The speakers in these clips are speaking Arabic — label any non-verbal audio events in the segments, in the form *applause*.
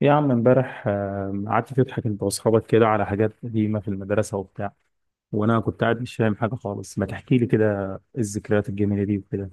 يا عم امبارح قعدت تضحك انت واصحابك كده على حاجات قديمة في المدرسة وبتاع، وانا كنت قاعد مش فاهم حاجة خالص، ما تحكي لي كده الذكريات الجميلة دي وكده.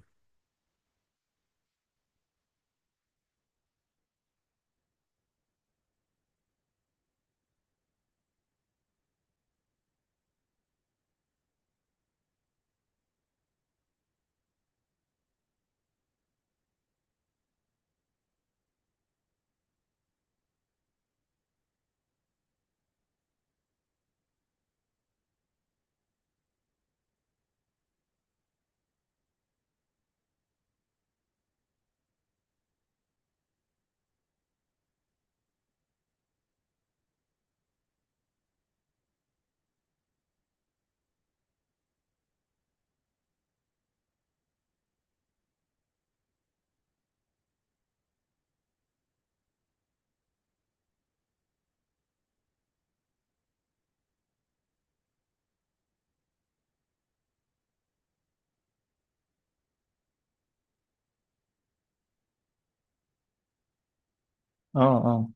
اه اه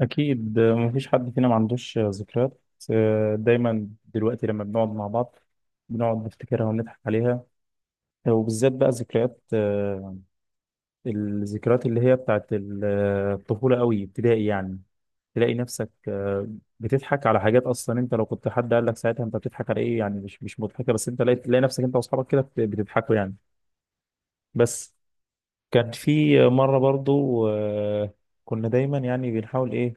اكيد، مفيش حد فينا ما عندوش ذكريات. دايما دلوقتي لما بنقعد مع بعض بنقعد نفتكرها ونضحك عليها، وبالذات بقى ذكريات الذكريات اللي هي بتاعت الطفولة قوي ابتدائي يعني. تلاقي نفسك بتضحك على حاجات اصلا انت لو كنت حد قال لك ساعتها انت بتضحك على ايه، يعني مش مضحكه، بس انت تلاقي نفسك انت واصحابك كده بتضحكوا يعني. بس كان في مره برضو، كنا دايما يعني بنحاول ايه،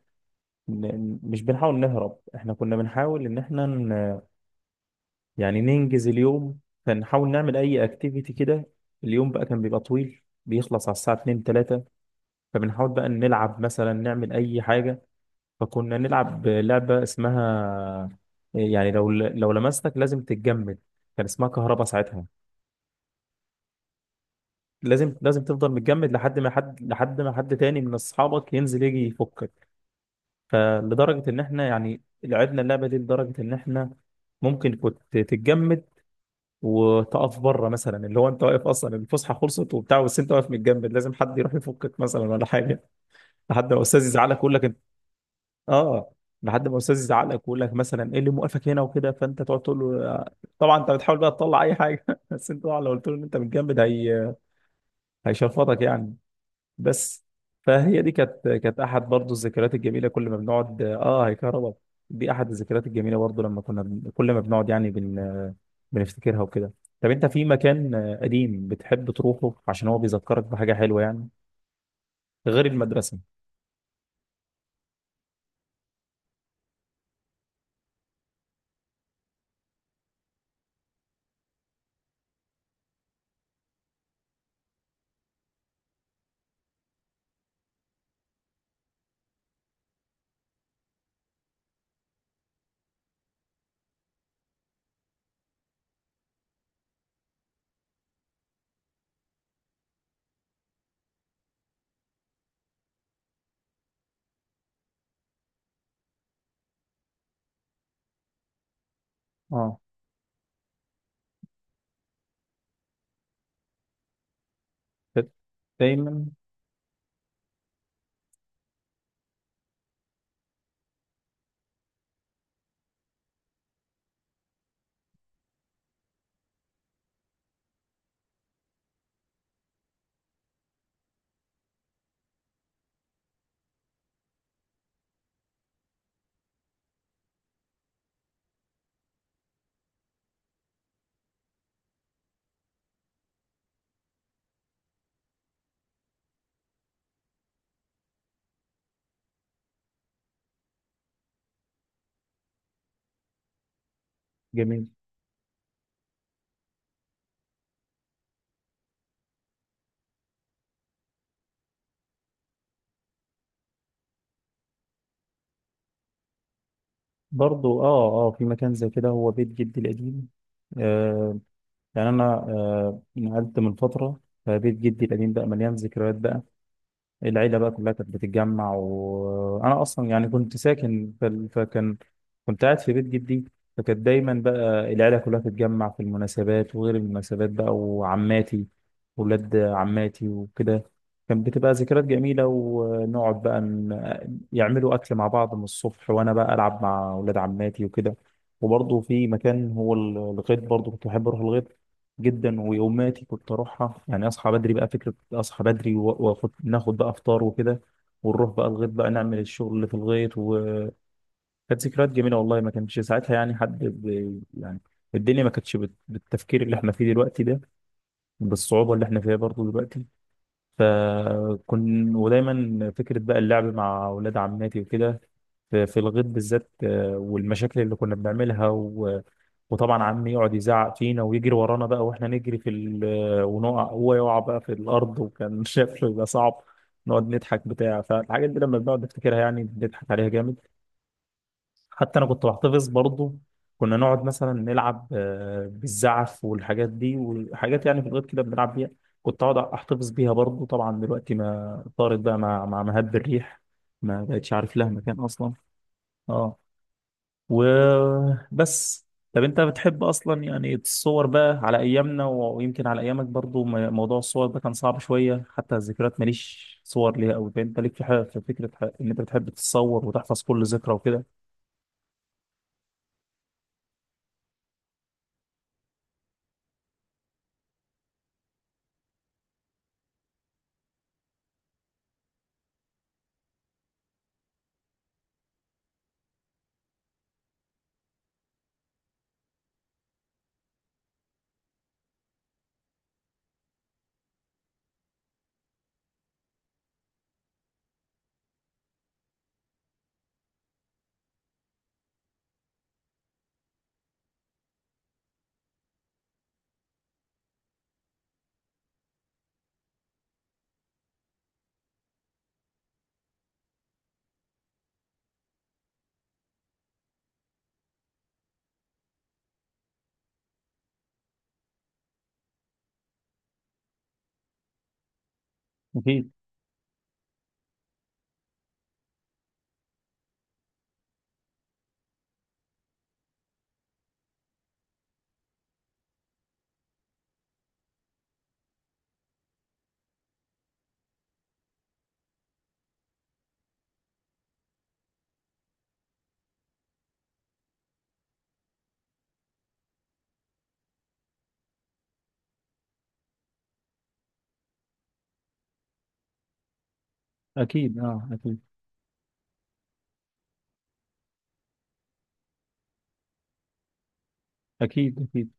مش بنحاول نهرب، احنا كنا بنحاول ان احنا يعني ننجز اليوم، فنحاول نعمل اي اكتيفيتي كده. اليوم بقى كان بيبقى طويل، بيخلص على الساعه 2 3، فبنحاول بقى نلعب مثلا، نعمل اي حاجه. فكنا نلعب لعبة اسمها يعني لو لمستك لازم تتجمد، كان اسمها كهربا ساعتها. لازم تفضل متجمد لحد ما حد، لحد ما حد تاني من اصحابك ينزل يجي يفكك. فلدرجة ان احنا يعني لعبنا اللعبة دي لدرجة ان احنا ممكن كنت تتجمد وتقف بره، مثلا اللي هو انت واقف اصلا، الفسحة خلصت وبتاع، بس انت واقف متجمد لازم حد يروح يفكك مثلا ولا حاجة. لحد ما الاستاذ يزعلك يقول لك، اه، لحد ما الاستاذ يزعق لك ويقول لك مثلا ايه اللي موقفك هنا وكده، فانت تقعد تقول له. طبعا انت بتحاول بقى تطلع اي حاجه *laughs* بس انت طبعا لو قلت له ان انت متجمد هي هيشرفطك يعني. بس فهي دي كانت كانت احد برضو الذكريات الجميله، كل ما بنقعد اه هيكهرباء. دي احد الذكريات الجميله برضو، لما كنا كل ما بنقعد يعني بنفتكرها وكده. طب انت في مكان قديم بتحب تروحه عشان هو بيذكرك بحاجه حلوه يعني، غير المدرسه؟ اه دايما جميل برضو. اه اه، في مكان زي كده هو بيت جدي القديم. آه، يعني انا آه نقلت من فتره، فبيت جدي القديم بقى مليان ذكريات بقى، العيلة بقى كلها كانت بتتجمع، وأنا أصلا يعني كنت ساكن في فكان كنت قاعد في بيت جدي. فكانت دايما بقى العيلة كلها تتجمع في المناسبات وغير المناسبات بقى، وعماتي ولاد عماتي وكده. كان بتبقى ذكريات جميلة، ونقعد بقى يعملوا أكل مع بعض من الصبح، وأنا بقى ألعب مع ولاد عماتي وكده. وبرضه في مكان هو الغيط، برضه كنت بحب أروح الغيط جدا، ويوماتي كنت اروحها، يعني اصحى بدري بقى فكره، اصحى بدري واخد ناخد بقى افطار وكده، ونروح بقى الغيط بقى، نعمل الشغل اللي في الغيط. وكانت ذكريات جميله والله، ما كانش ساعتها يعني حد ب، يعني الدنيا ما كانتش بت، بالتفكير اللي احنا فيه دلوقتي ده، بالصعوبه اللي احنا فيها برضه دلوقتي. فكن ودايما فكره بقى اللعب مع اولاد عماتي وكده، في الغيط بالذات، والمشاكل اللي كنا بنعملها، وطبعا عمي يقعد يزعق فينا ويجري ورانا بقى واحنا نجري في ال، ونقع هو يقع بقى في الارض، وكان *laughs* شكله يبقى صعب، نقعد نضحك بتاع. فالحاجات دي لما بنقعد نفتكرها يعني بنضحك عليها جامد. حتى انا كنت بحتفظ برضه، كنا نقعد مثلا نلعب بالزعف والحاجات دي، وحاجات يعني في الغيط كده بنلعب بيها، كنت اقعد احتفظ بيها برضه. طبعا دلوقتي ما طارت بقى مع مهب الريح، ما بقتش عارف لها مكان اصلا. اه وبس. طب انت بتحب اصلا يعني الصور بقى، على ايامنا ويمكن على ايامك برضو موضوع الصور ده كان صعب شوية، حتى الذكريات ماليش صور ليها قوي. فانت ليك في حاجة، في فكرة ان انت بتحب تتصور وتحفظ كل ذكرى وكده؟ اكيد اكيد اه اكيد اكيد اكيد.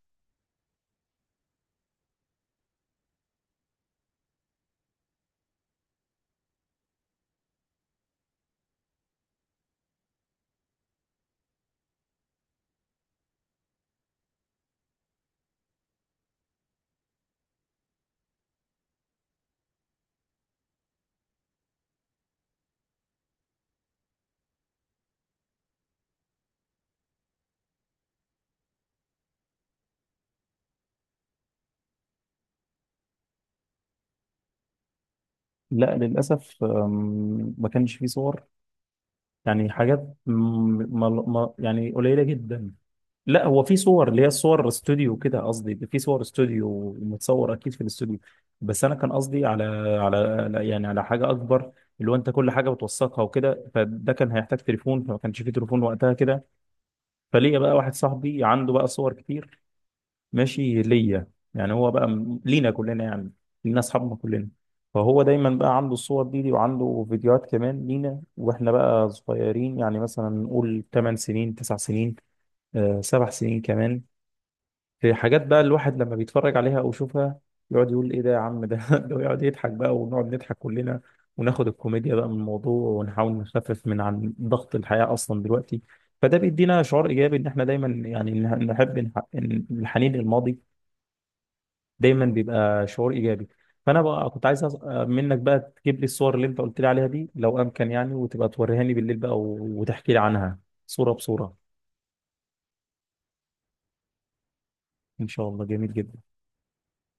لا للاسف، ما كانش في صور، يعني حاجات يعني قليلة جدا. لا هو في صور اللي هي صور استوديو كده، قصدي في صور استوديو متصور اكيد في الاستوديو، بس انا كان قصدي على على يعني على حاجه اكبر، اللي هو انت كل حاجه بتوثقها وكده، فده كان هيحتاج تليفون، فما كانش فيه تليفون وقتها كده. فليا بقى واحد صاحبي عنده بقى صور كتير ماشي ليا، يعني هو بقى لينا كلنا يعني، لينا اصحابنا كلنا. فهو دايما بقى عنده الصور دي، وعنده فيديوهات كمان لينا واحنا بقى صغيرين، يعني مثلا نقول 8 سنين 9 سنين، سبع سنين كمان. في حاجات بقى الواحد لما بيتفرج عليها او يشوفها يقعد يقول ايه ده يا عم ده *laughs* ده، ويقعد يضحك بقى ونقعد نضحك كلنا، وناخد الكوميديا بقى من الموضوع، ونحاول نخفف من عن ضغط الحياة اصلا دلوقتي. فده بيدينا شعور ايجابي، ان احنا دايما يعني نحب إن الحنين للماضي دايما بيبقى شعور ايجابي. فانا بقى كنت عايز منك بقى تجيب لي الصور اللي انت قلت لي عليها دي لو امكن يعني، وتبقى توريهاني بالليل بقى، وتحكي لي عنها صورة بصورة. ان شاء الله جميل جدا.